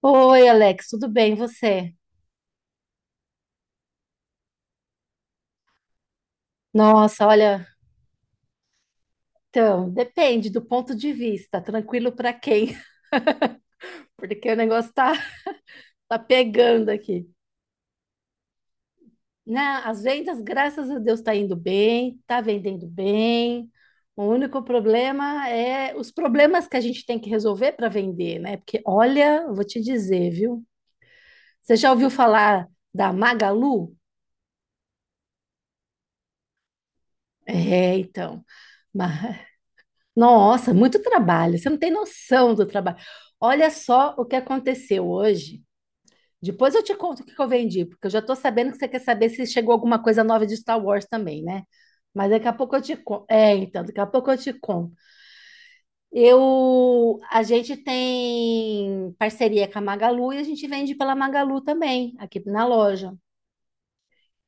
Oi, Alex, tudo bem, e você? Nossa, olha, então, depende do ponto de vista, tranquilo para quem, porque o negócio tá pegando aqui. Né? As vendas, graças a Deus, tá indo bem, tá vendendo bem. O único problema é os problemas que a gente tem que resolver para vender, né? Porque, olha, eu vou te dizer, viu? Você já ouviu falar da Magalu? É, então. Nossa, muito trabalho. Você não tem noção do trabalho. Olha só o que aconteceu hoje. Depois eu te conto o que que eu vendi, porque eu já estou sabendo que você quer saber se chegou alguma coisa nova de Star Wars também, né? Mas daqui a pouco eu te conto. É, então, daqui a pouco eu te conto. A gente tem parceria com a Magalu e a gente vende pela Magalu também, aqui na loja.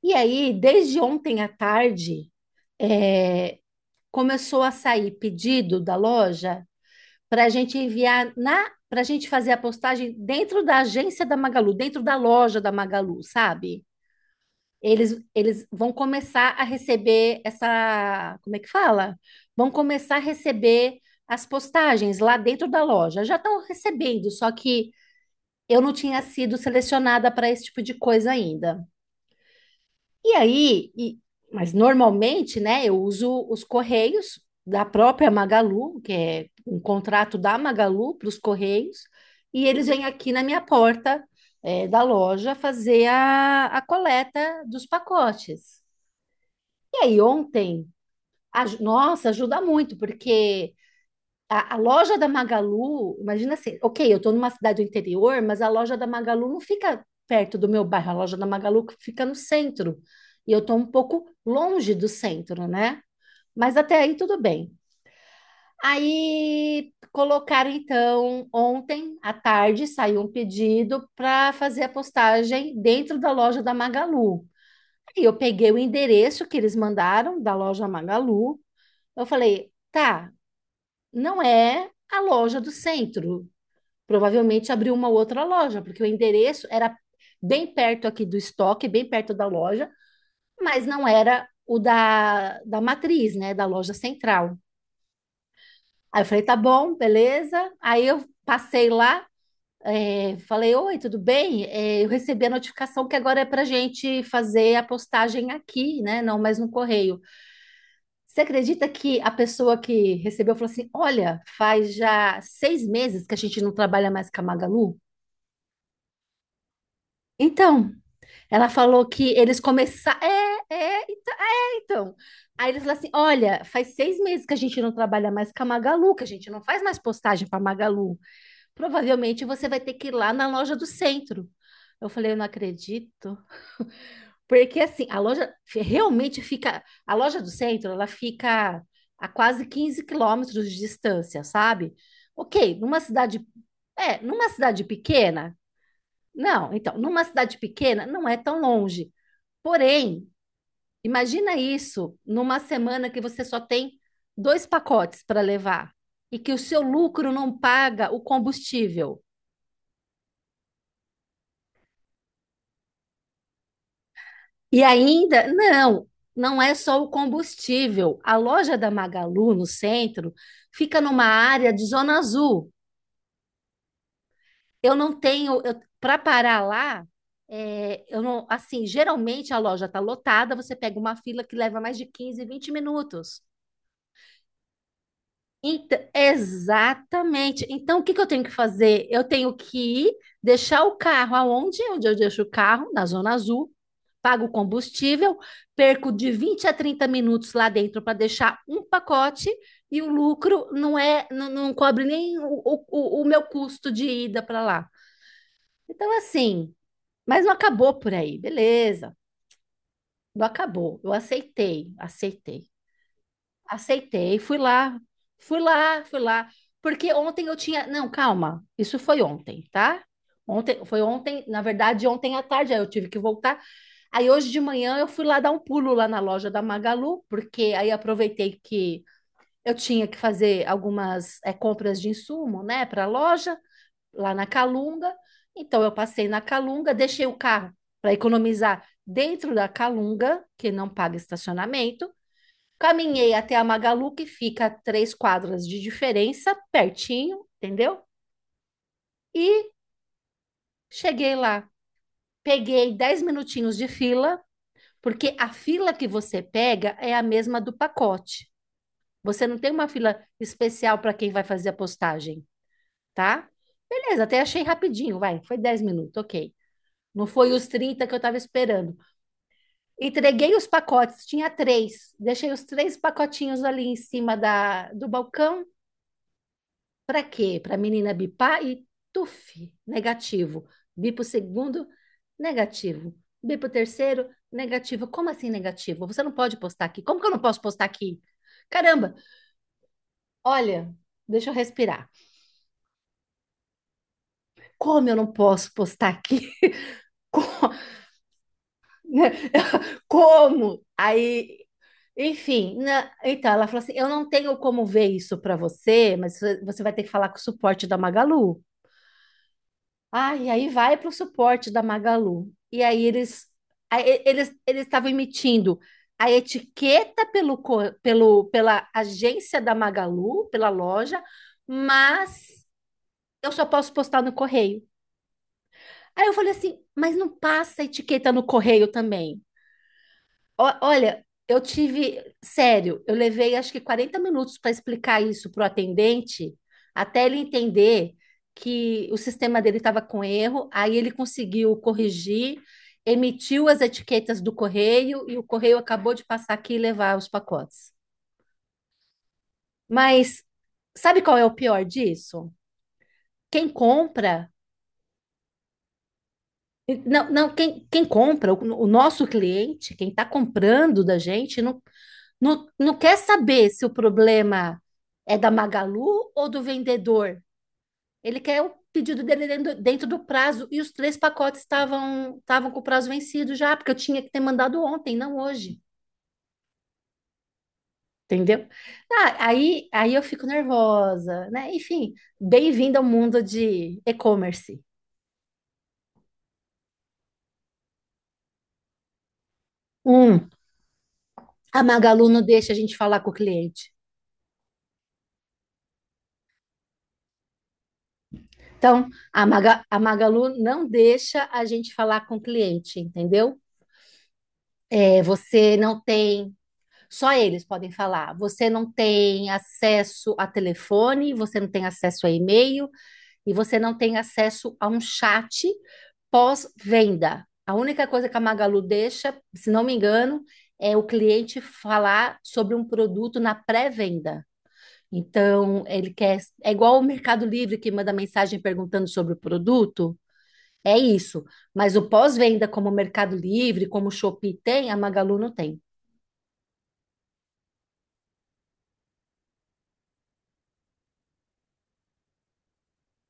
E aí, desde ontem à tarde, é, começou a sair pedido da loja para a gente fazer a postagem dentro da agência da Magalu, dentro da loja da Magalu, sabe? Eles vão começar a receber essa, como é que fala? Vão começar a receber as postagens lá dentro da loja. Já estão recebendo, só que eu não tinha sido selecionada para esse tipo de coisa ainda. E aí, mas normalmente, né, eu uso os Correios da própria Magalu, que é um contrato da Magalu para os Correios, e eles vêm aqui na minha porta, da loja fazer a coleta dos pacotes. E aí, ontem, nossa, ajuda muito, porque a loja da Magalu, imagina assim, ok, eu estou numa cidade do interior, mas a loja da Magalu não fica perto do meu bairro, a loja da Magalu fica no centro. E eu estou um pouco longe do centro, né? Mas até aí tudo bem. Aí colocaram, então, ontem à tarde saiu um pedido para fazer a postagem dentro da loja da Magalu. Aí eu peguei o endereço que eles mandaram da loja Magalu. Eu falei, tá, não é a loja do centro. Provavelmente abriu uma outra loja, porque o endereço era bem perto aqui do estoque, bem perto da loja, mas não era o da matriz, né, da loja central. Aí eu falei, tá bom, beleza. Aí eu passei lá, falei, oi, tudo bem? É, eu recebi a notificação que agora é pra gente fazer a postagem aqui, né, não mais no correio. Você acredita que a pessoa que recebeu falou assim, olha, faz já 6 meses que a gente não trabalha mais com a Magalu? Então, ela falou que eles começaram. É, então. Aí eles falaram assim: olha, faz 6 meses que a gente não trabalha mais com a Magalu, que a gente não faz mais postagem para Magalu. Provavelmente você vai ter que ir lá na loja do centro. Eu falei: eu não acredito. Porque assim, realmente fica. A loja do centro, ela fica a quase 15 quilômetros de distância, sabe? Ok, numa cidade. É, numa cidade pequena. Não, então, numa cidade pequena não é tão longe. Porém, imagina isso numa semana que você só tem dois pacotes para levar e que o seu lucro não paga o combustível. E ainda, não, não é só o combustível. A loja da Magalu, no centro, fica numa área de zona azul. Eu não tenho, para parar lá, eu não, assim, geralmente a loja está lotada, você pega uma fila que leva mais de 15, 20 minutos. Então, exatamente. Então, o que que eu tenho que fazer? Eu tenho que deixar o carro aonde? Onde eu deixo o carro? Na Zona Azul. Pago o combustível, perco de 20 a 30 minutos lá dentro para deixar um pacote e o lucro não cobre nem o meu custo de ida para lá. Então, assim, mas não acabou por aí, beleza. Não acabou. Eu aceitei, aceitei. Aceitei, fui lá, fui lá, fui lá. Porque ontem eu tinha. Não, calma, isso foi ontem, tá? Ontem, foi ontem, na verdade, ontem à tarde, aí eu tive que voltar. Aí hoje de manhã eu fui lá dar um pulo lá na loja da Magalu, porque aí aproveitei que eu tinha que fazer algumas compras de insumo, né, para a loja, lá na Calunga. Então eu passei na Calunga, deixei o carro para economizar dentro da Calunga, que não paga estacionamento. Caminhei até a Magalu, que fica a 3 quadras de diferença, pertinho, entendeu? E cheguei lá. Peguei 10 minutinhos de fila, porque a fila que você pega é a mesma do pacote. Você não tem uma fila especial para quem vai fazer a postagem, tá? Beleza, até achei rapidinho, vai. Foi 10 minutos, ok. Não foi os 30 que eu estava esperando. Entreguei os pacotes, tinha três. Deixei os três pacotinhos ali em cima do balcão. Para quê? Para a menina bipar e tuf, negativo. Bipa o segundo, negativo. Bipa o terceiro, negativo. Como assim negativo? Você não pode postar aqui. Como que eu não posso postar aqui? Caramba, olha, deixa eu respirar. Como eu não posso postar aqui? Né? Como? Aí, enfim, então ela falou assim: eu não tenho como ver isso para você, mas você vai ter que falar com o suporte da Magalu. Ah, e aí vai para o suporte da Magalu. E aí eles aí e- eles eles estavam emitindo a etiqueta pelo pela agência da Magalu, pela loja, mas eu só posso postar no correio. Aí eu falei assim, mas não passa a etiqueta no correio também. Olha, eu tive, sério, eu levei acho que 40 minutos para explicar isso para o atendente, até ele entender que o sistema dele estava com erro, aí ele conseguiu corrigir, emitiu as etiquetas do correio e o correio acabou de passar aqui e levar os pacotes. Mas sabe qual é o pior disso? Quem compra, não, não, quem, quem compra, o nosso cliente, quem está comprando da gente, não quer saber se o problema é da Magalu ou do vendedor. Ele quer o pedido dele dentro do prazo. E os três pacotes estavam com o prazo vencido já, porque eu tinha que ter mandado ontem, não hoje. Entendeu? Ah, aí eu fico nervosa, né? Enfim, bem-vindo ao mundo de e-commerce. Um, a Magalu não deixa a gente falar com o cliente. Então, a Magalu não deixa a gente falar com o cliente, entendeu? É, você não tem. Só eles podem falar. Você não tem acesso a telefone, você não tem acesso a e-mail e você não tem acesso a um chat pós-venda. A única coisa que a Magalu deixa, se não me engano, é o cliente falar sobre um produto na pré-venda. Então, ele quer. É igual o Mercado Livre que manda mensagem perguntando sobre o produto. É isso. Mas o pós-venda, como o Mercado Livre, como o Shopee tem, a Magalu não tem.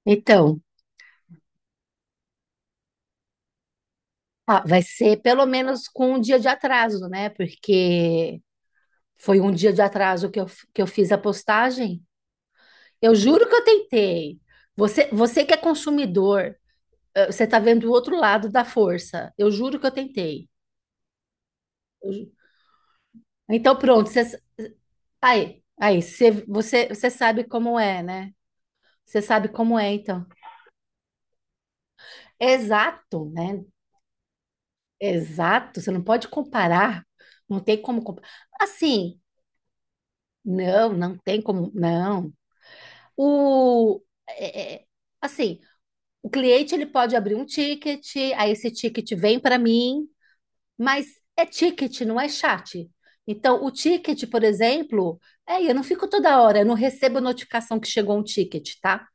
Então, ah, vai ser pelo menos com um dia de atraso, né? Porque foi um dia de atraso que eu fiz a postagem. Eu juro que eu tentei. Você que é consumidor, você tá vendo o outro lado da força. Eu juro que eu tentei. Eu ju- Então, pronto. Você, aí, aí, você, você, você sabe como é, né? Você sabe como é, então. Exato, né? Exato. Você não pode comparar. Não tem como comparar. Assim, não, não tem como. Não. O, é, é, assim, O cliente ele pode abrir um ticket, aí esse ticket vem para mim, mas é ticket, não é chat. Então, o ticket, por exemplo, eu não fico toda hora, eu não recebo notificação que chegou um ticket, tá?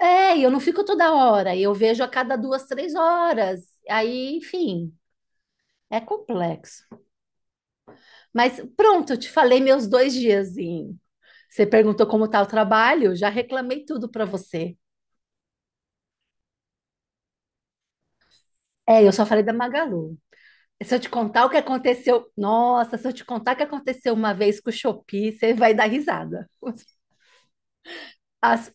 É, eu não fico toda hora, eu vejo a cada 2, 3 horas. Aí, enfim, é complexo. Mas pronto, eu te falei meus dois diazinhos. Você perguntou como tá o trabalho, já reclamei tudo para você. É, eu só falei da Magalu. Se eu te contar o que aconteceu, nossa, se eu te contar o que aconteceu uma vez com o Shopee, você vai dar risada. As-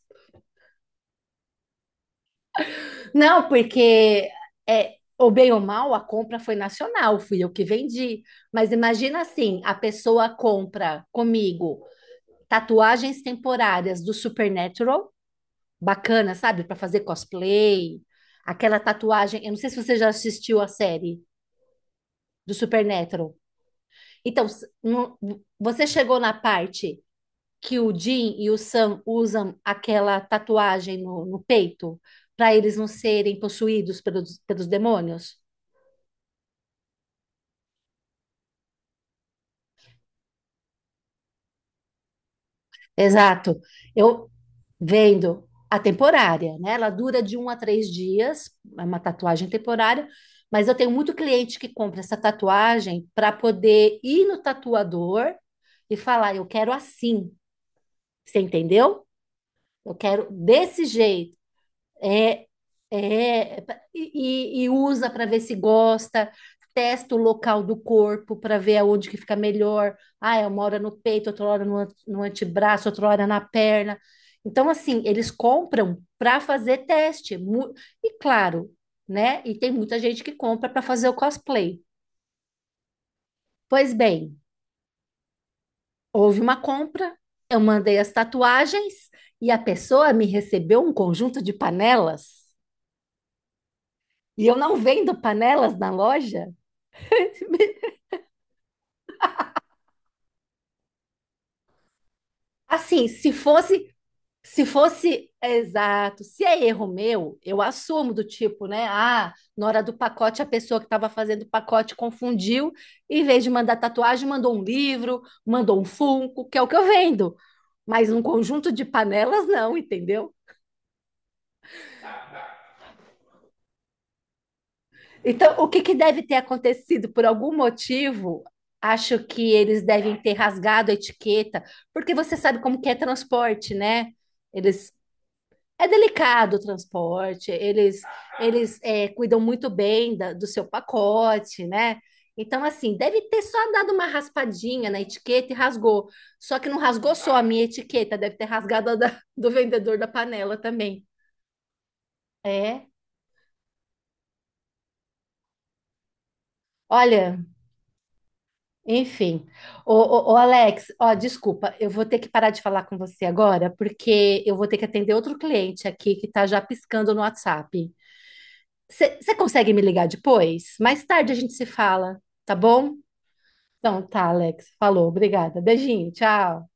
Não, porque ou bem ou mal, a compra foi nacional, fui eu que vendi. Mas imagina assim, a pessoa compra comigo tatuagens temporárias do Supernatural, bacana, sabe? Para fazer cosplay, aquela tatuagem, eu não sei se você já assistiu a série do Supernatural. Então, você chegou na parte que o Jim e o Sam usam aquela tatuagem no peito para eles não serem possuídos pelos demônios? Exato. Eu vendo a temporária, né? Ela dura de 1 a 3 dias, é uma tatuagem temporária, mas eu tenho muito cliente que compra essa tatuagem para poder ir no tatuador e falar: eu quero assim, você entendeu? Eu quero desse jeito. É, é, e usa para ver se gosta, testa o local do corpo para ver aonde que fica melhor. Ah, é uma hora no peito, outra hora no antebraço, outra hora na perna. Então, assim, eles compram para fazer teste. E claro, né? E tem muita gente que compra para fazer o cosplay. Pois bem, houve uma compra, eu mandei as tatuagens e a pessoa me recebeu um conjunto de panelas. E eu não vendo panelas na loja. Assim, se fosse exato, se é erro meu, eu assumo do tipo, né? Ah, na hora do pacote, a pessoa que estava fazendo o pacote confundiu, em vez de mandar tatuagem, mandou um livro, mandou um Funko, que é o que eu vendo. Mas um conjunto de panelas, não, entendeu? Então, o que que deve ter acontecido? Por algum motivo, acho que eles devem ter rasgado a etiqueta, porque você sabe como que é transporte, né? Eles É delicado o transporte, eles cuidam muito bem do seu pacote, né? Então, assim, deve ter só dado uma raspadinha na etiqueta e rasgou. Só que não rasgou só a minha etiqueta, deve ter rasgado do vendedor da panela também. É. Olha, enfim. Ô, ô, ô, Alex, ó, desculpa, eu vou ter que parar de falar com você agora, porque eu vou ter que atender outro cliente aqui que tá já piscando no WhatsApp. Você consegue me ligar depois? Mais tarde a gente se fala, tá bom? Então tá, Alex. Falou, obrigada. Beijinho, tchau.